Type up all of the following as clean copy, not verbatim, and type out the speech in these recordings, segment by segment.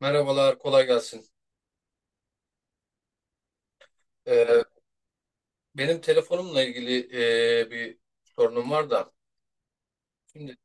Merhabalar, kolay gelsin. Ee, Benim telefonumla ilgili bir sorunum var da. Şimdi,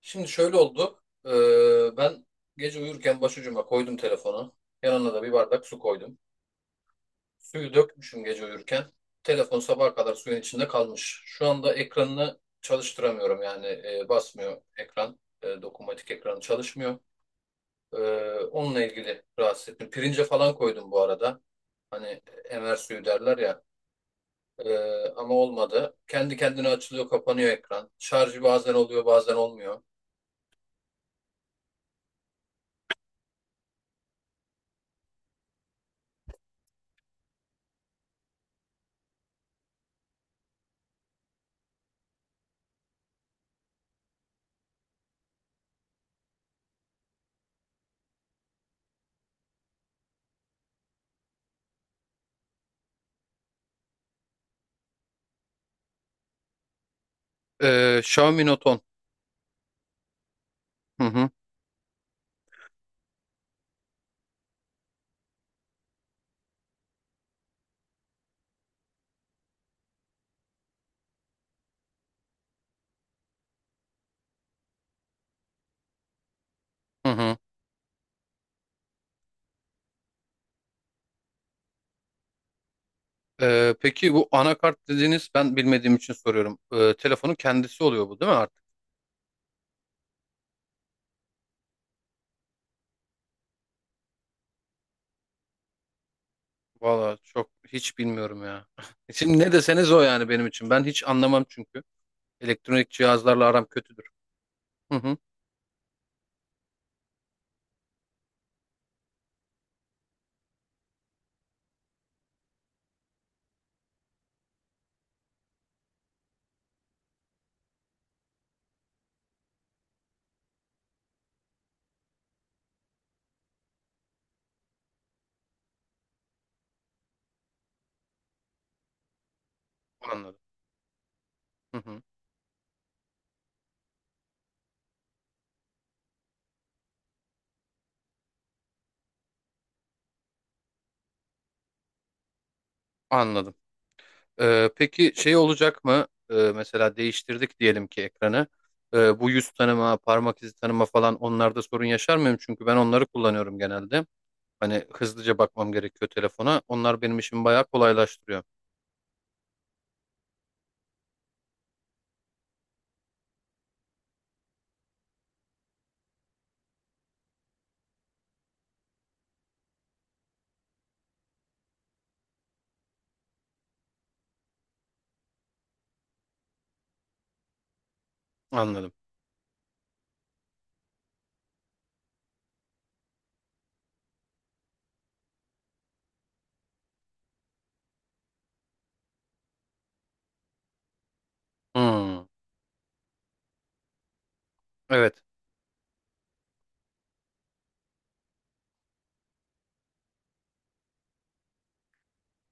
şimdi, şöyle oldu. Ben gece uyurken başucuma koydum telefonu. Yanına da bir bardak su koydum. Suyu dökmüşüm gece uyurken. Telefon sabaha kadar suyun içinde kalmış. Şu anda ekranını çalıştıramıyorum yani basmıyor ekran. Dokunmatik ekranı çalışmıyor. Ee, onunla ilgili rahatsız ettim. Pirince falan koydum bu arada. Hani emer suyu derler ya. Ama olmadı. Kendi kendine açılıyor, kapanıyor ekran. Şarjı bazen oluyor, bazen olmuyor. Xiaomi Note 10. Hı hı, hı hı. Peki bu anakart dediğiniz ben bilmediğim için soruyorum. Telefonun kendisi oluyor bu değil mi artık? Valla çok hiç bilmiyorum ya. Şimdi ne deseniz o yani benim için. Ben hiç anlamam çünkü. Elektronik cihazlarla aram kötüdür. Hı hı, anladım. Hı hı, anladım. Peki şey olacak mı? Mesela değiştirdik diyelim ki ekranı. Bu yüz tanıma, parmak izi tanıma falan onlarda sorun yaşar mıyım? Çünkü ben onları kullanıyorum genelde. Hani hızlıca bakmam gerekiyor telefona. Onlar benim işimi bayağı kolaylaştırıyor. Anladım. Hmm. Evet,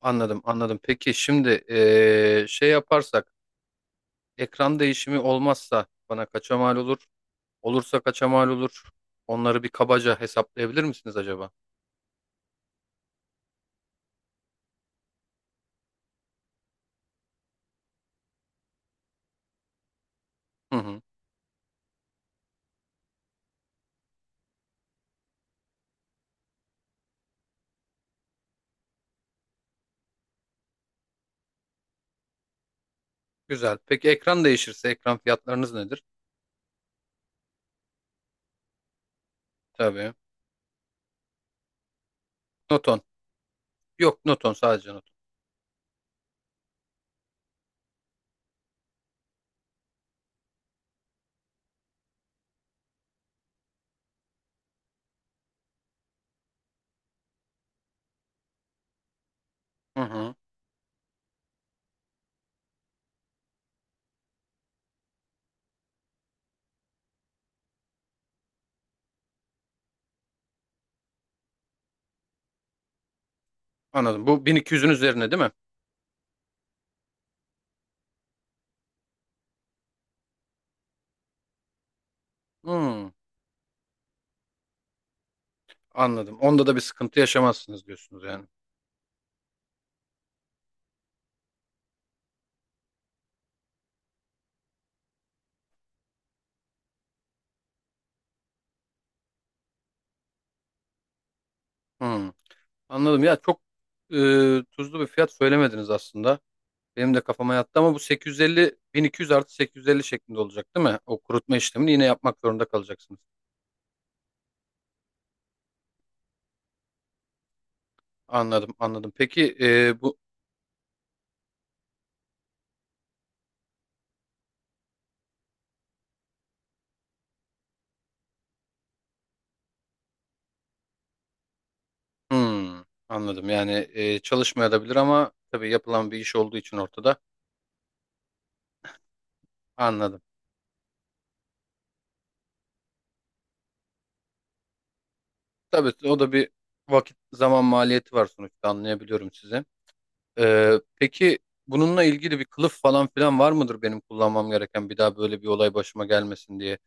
anladım, anladım. Peki şimdi şey yaparsak, ekran değişimi olmazsa bana kaça mal olur? Olursa kaça mal olur? Onları bir kabaca hesaplayabilir misiniz acaba? Hı hı. Güzel. Peki ekran değişirse ekran fiyatlarınız nedir? Tabii. Noton. Yok Noton sadece Noton. Hı hı. Anladım. Bu 1200'ün üzerine değil mi? Hı. Anladım. Onda da bir sıkıntı yaşamazsınız diyorsunuz yani. Hı. Anladım. Ya çok e, tuzlu bir fiyat söylemediniz aslında. Benim de kafama yattı ama bu 850 1200 artı 850 şeklinde olacak değil mi? O kurutma işlemini yine yapmak zorunda kalacaksınız. Anladım, anladım. Peki bu hmm, anladım. Yani çalışmayabilir ama tabii yapılan bir iş olduğu için ortada. Anladım. Tabii o da bir vakit zaman maliyeti var sonuçta anlayabiliyorum sizi. Peki bununla ilgili bir kılıf falan filan var mıdır benim kullanmam gereken bir daha böyle bir olay başıma gelmesin diye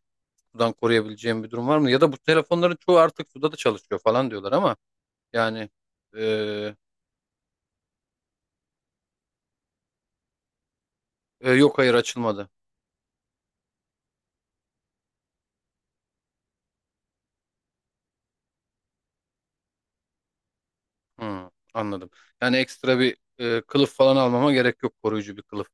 sudan koruyabileceğim bir durum var mı? Ya da bu telefonların çoğu artık suda da çalışıyor falan diyorlar ama yani ee, yok hayır açılmadı. Hmm, anladım. Yani ekstra bir kılıf falan almama gerek yok koruyucu bir kılıf.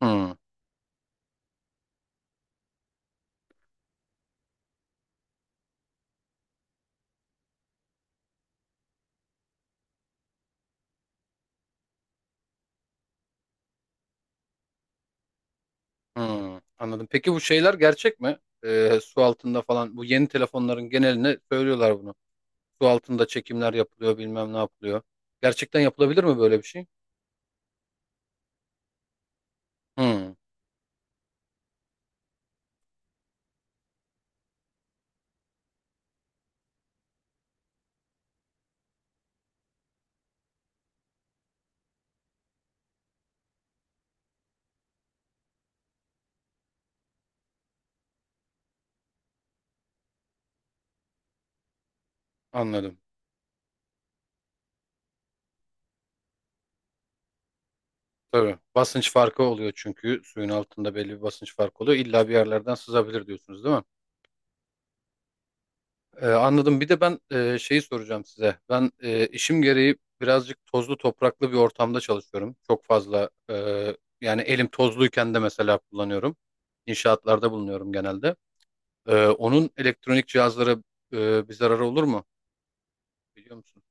Hmm, hmm, anladım. Peki bu şeyler gerçek mi? Su altında falan bu yeni telefonların geneline söylüyorlar bunu. Su altında çekimler yapılıyor, bilmem ne yapılıyor. Gerçekten yapılabilir mi böyle bir şey? Hmm, anladım. Tabii. Basınç farkı oluyor çünkü suyun altında belli bir basınç farkı oluyor. İlla bir yerlerden sızabilir diyorsunuz değil mi? Anladım. Bir de ben şeyi soracağım size. Ben işim gereği birazcık tozlu topraklı bir ortamda çalışıyorum. Çok fazla yani elim tozluyken de mesela kullanıyorum. İnşaatlarda bulunuyorum genelde. Onun elektronik cihazlara bir zararı olur mu? Biliyor musun?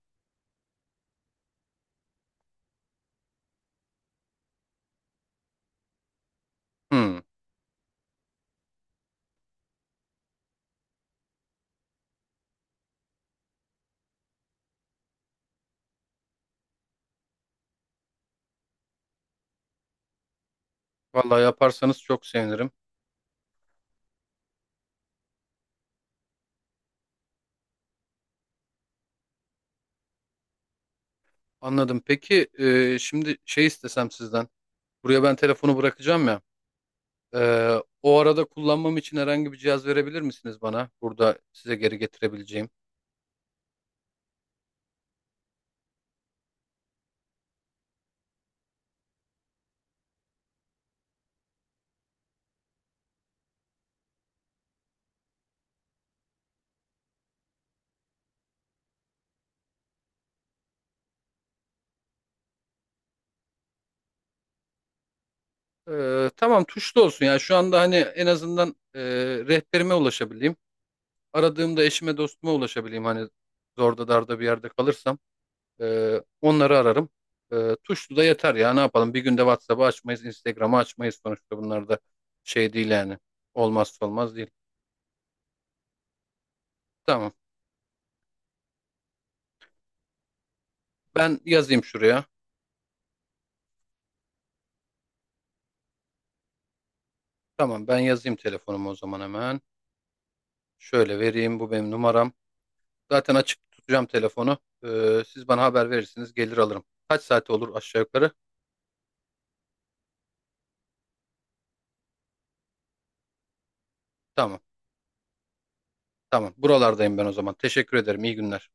Hmm. Vallahi yaparsanız çok sevinirim. Anladım. Peki şimdi şey istesem sizden. Buraya ben telefonu bırakacağım ya. E, o arada kullanmam için herhangi bir cihaz verebilir misiniz bana? Burada size geri getirebileceğim. E, tamam tuşlu olsun. Yani şu anda hani en azından rehberime ulaşabileyim. Aradığımda eşime dostuma ulaşabileyim. Hani zorda darda bir yerde kalırsam. Onları ararım. Tuşlu da yeter ya ne yapalım bir günde WhatsApp'ı açmayız, Instagram'ı açmayız sonuçta bunlar da şey değil yani. Olmazsa olmaz değil. Tamam ben yazayım şuraya. Tamam ben yazayım telefonumu o zaman hemen. Şöyle vereyim bu benim numaram. Zaten açık tutacağım telefonu. Siz bana haber verirsiniz gelir alırım. Kaç saate olur aşağı yukarı? Tamam tamam, buralardayım ben o zaman. Teşekkür ederim iyi günler.